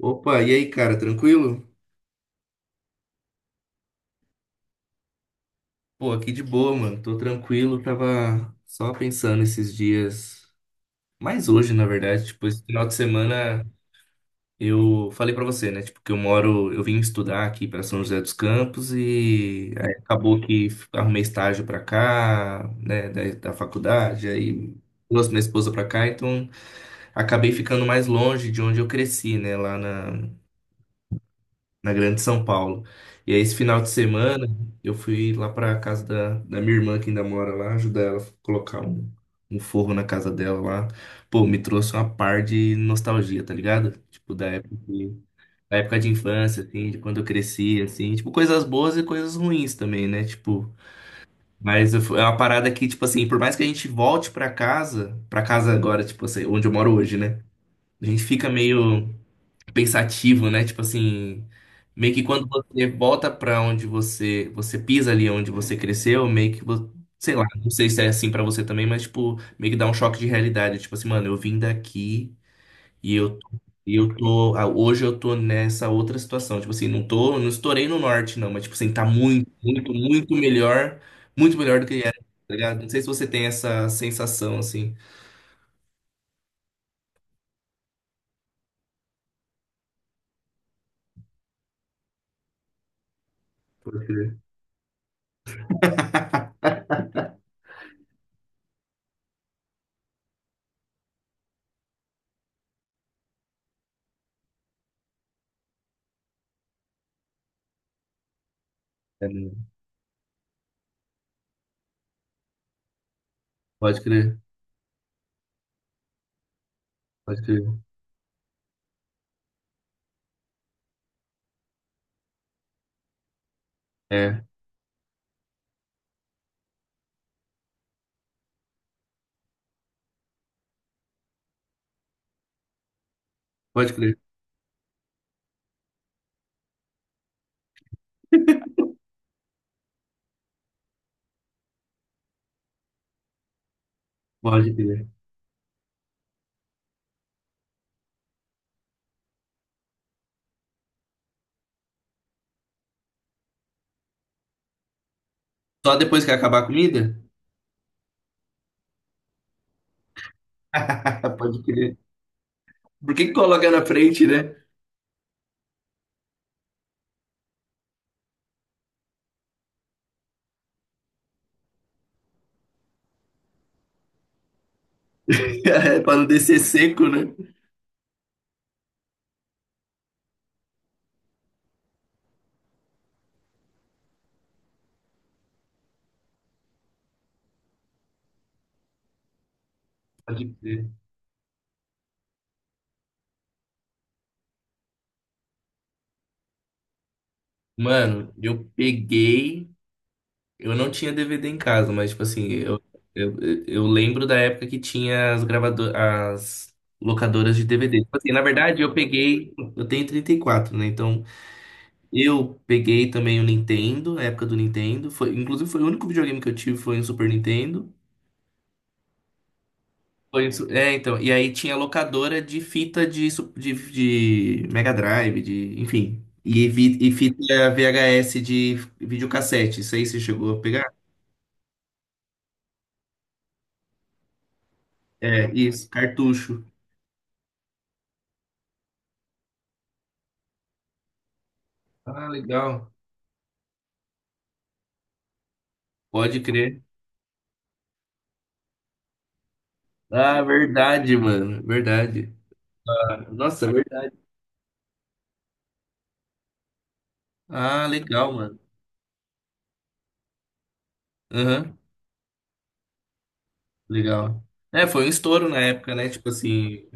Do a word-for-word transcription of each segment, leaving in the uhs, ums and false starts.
Opa, e aí, cara, tranquilo? Pô, aqui de boa, mano. Tô tranquilo, tava só pensando esses dias, mais hoje, na verdade, tipo, esse final de semana eu falei pra você, né? Tipo, que eu moro, eu vim estudar aqui pra São José dos Campos e aí acabou que f- arrumei estágio pra cá, né, da, da faculdade, aí trouxe minha esposa pra cá, então acabei ficando mais longe de onde eu cresci, né, lá na na Grande São Paulo. E aí, esse final de semana, eu fui lá para casa da, da minha irmã, que ainda mora lá, ajudar ela a colocar um, um forro na casa dela lá. Pô, me trouxe uma par de nostalgia, tá ligado? Tipo, da época de, da época de infância, assim, de quando eu cresci, assim. Tipo, coisas boas e coisas ruins também, né? Tipo. Mas eu fu- é uma parada que, tipo assim, por mais que a gente volte pra casa, pra casa agora, tipo assim, onde eu moro hoje, né? A gente fica meio pensativo, né? Tipo assim, meio que quando você volta pra onde você, você pisa ali onde você cresceu, meio que, vo- sei lá, não sei se é assim pra você também, mas tipo, meio que dá um choque de realidade, tipo assim, mano, eu vim daqui e eu tô- e eu tô, ah, hoje eu tô nessa outra situação, tipo assim, não tô, não estourei no norte não, mas tipo assim, tá muito, muito, muito melhor, muito melhor do que era, tá ligado? Não sei se você tem essa sensação assim. Pode crer. É, né? Pode crer, pode crer. É, pode crer, pode crer. Só depois que acabar a comida? Pode crer. Por que que coloca na frente, né? Pra não descer seco, né? Pode crer. Mano, eu peguei. Eu não tinha D V D em casa, mas, tipo assim, eu, eu, eu lembro da época que tinha as gravadoras, as locadoras de D V D. Tipo assim, na verdade, eu peguei. Eu tenho trinta e quatro, né? Então, eu peguei também o Nintendo, a época do Nintendo. Foi, inclusive, foi o único videogame que eu tive foi um Super Nintendo. Foi isso. É, então. E aí tinha locadora de fita de, su- de, de Mega Drive, de, enfim. E, vi- e fita V H S de videocassete. Isso aí você chegou a pegar? É, isso. Cartucho. Ah, legal. Pode crer. Ah, verdade, mano. Verdade. Nossa, verdade. Ah, legal, mano. Aham, legal. É, foi um estouro na época, né? Tipo assim,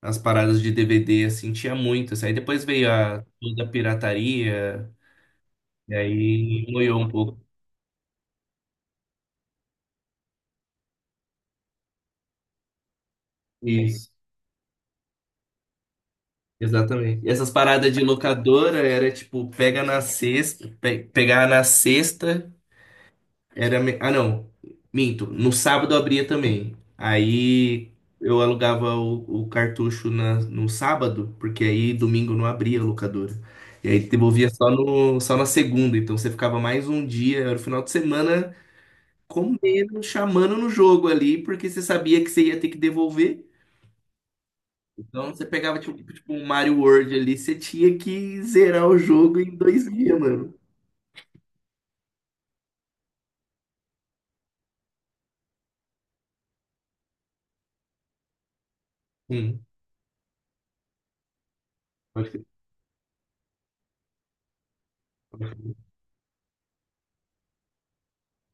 as paradas de D V D, assim, tinha muito. Assim. Aí depois veio a toda a pirataria, e aí moiou um pouco. Isso, exatamente. E essas paradas de locadora era tipo, pega na sexta, pe- pegar na sexta era. me- Ah, não, minto. No sábado abria também. Aí eu alugava o, o cartucho na, no sábado, porque aí domingo não abria a locadora. E aí devolvia só, no, só na segunda. Então você ficava mais um dia, era o final de semana comendo, chamando no jogo ali, porque você sabia que você ia ter que devolver. Então você pegava tipo, tipo um Mario World ali, você tinha que zerar o jogo em dois dias, mano. Sim, pode crer. Pode crer.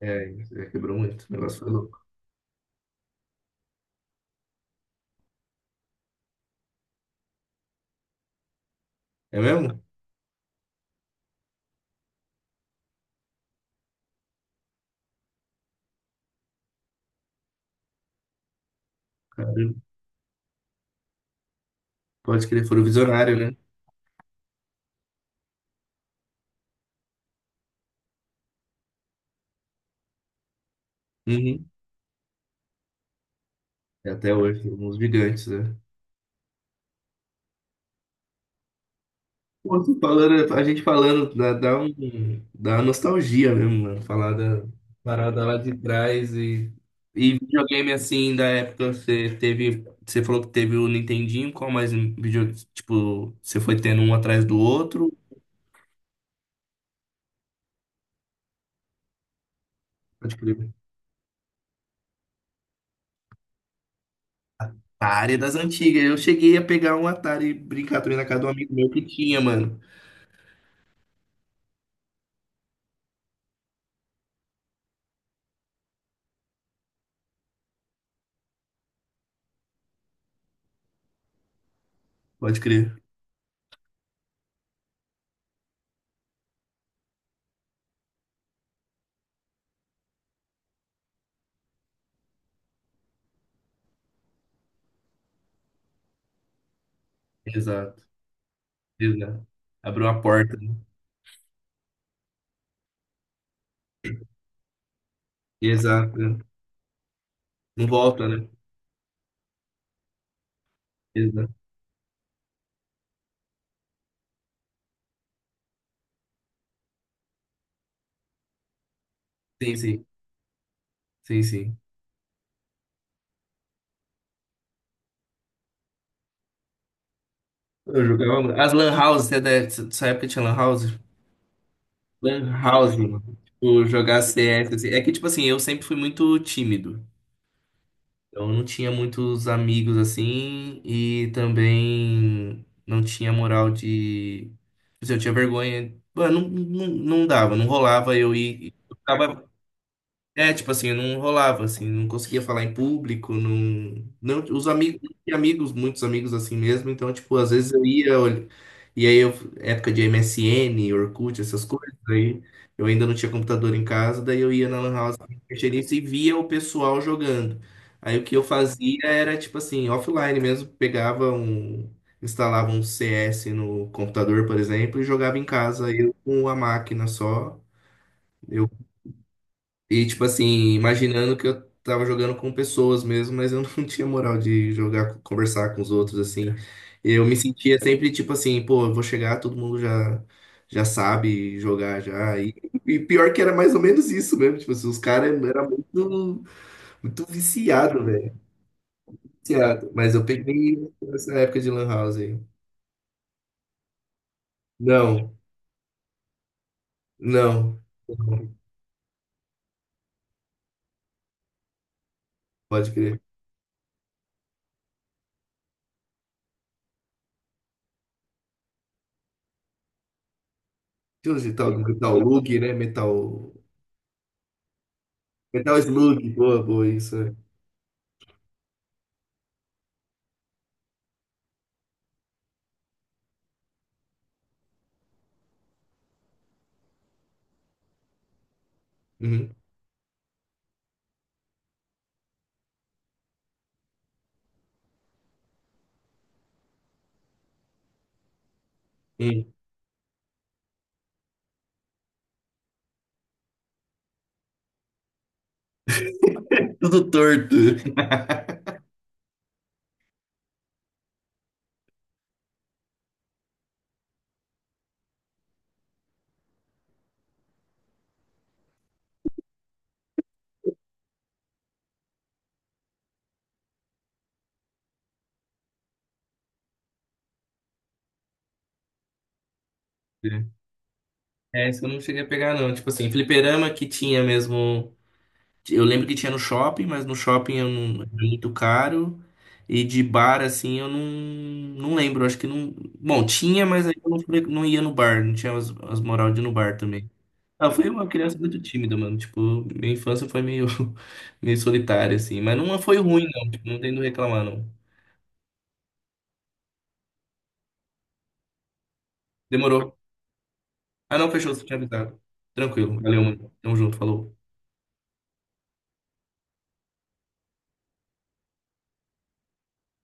É, é, quebrou muito, o negócio foi louco. É mesmo? Caramba, pode crer, foram visionário, né? Uhum. E até hoje, uns gigantes, né? Pô, você falando, a gente falando, dá, dá um, dá uma nostalgia mesmo, mano. Falar da parada lá de trás e, e videogame assim, da época você teve. Você falou que teve o Nintendinho, qual mais vídeo, tipo, você foi tendo um atrás do outro? Pode crer. Atari das antigas. Eu cheguei a pegar um Atari e brincar também na casa de um amigo meu que tinha, mano. Pode crer. Exato. Exato. Abriu a porta, né? Exato. Né? Não volta, né? Exato. Sim, sim. Sim, sim. Eu jogava. As Lan House, você deve- dessa época tinha Lan House? Lan House, mano. Tipo, jogar C S, assim. É que, tipo assim, eu sempre fui muito tímido. Então, eu não tinha muitos amigos, assim, e também não tinha moral de... Tipo assim, eu tinha vergonha. Mano, não, não, não dava, não rolava eu ir... Eu ficava, é, tipo assim, não rolava, assim, não conseguia falar em público, não, não, os amigos, não tinha amigos, muitos amigos assim mesmo, então, tipo, às vezes eu ia, olha, e aí eu, época de M S N, Orkut, essas coisas, aí eu ainda não tinha computador em casa, daí eu ia na Lan House, mexer nisso e via o pessoal jogando. Aí o que eu fazia era, tipo assim, offline mesmo, pegava um, instalava um C S no computador, por exemplo, e jogava em casa, eu com a máquina só, e, tipo assim, imaginando que eu tava jogando com pessoas mesmo, mas eu não tinha moral de jogar, conversar com os outros, assim. Eu me sentia sempre, tipo assim, pô, eu vou chegar, todo mundo já, já sabe jogar já. E, e pior que era mais ou menos isso mesmo. Tipo assim, os caras eram muito, muito viciado, velho. Viciado. Mas eu peguei essa época de Lan House aí. Não, não. Pode crer. Tinha uns de tal Metal Lug, né? Metal. Metal Slug. Boa, boa, isso. É. Uhum. Uhum. Tudo torto. É, isso eu não cheguei a pegar, não. Tipo assim, fliperama que tinha mesmo. Eu lembro que tinha no shopping, mas no shopping eu não, era muito caro. E de bar, assim, eu não, não lembro. Acho que não. Bom, tinha, mas aí eu não, fre- não ia no bar. Não tinha as, as moral de ir no bar também. Ah, eu fui uma criança muito tímida, mano. Tipo, minha infância foi meio, meio solitária, assim. Mas não foi ruim, não. Tipo, não tem do que reclamar, não. Demorou. Ah, não, fechou, você tinha avisado. Tranquilo. Valeu, mano. Tamo junto, falou.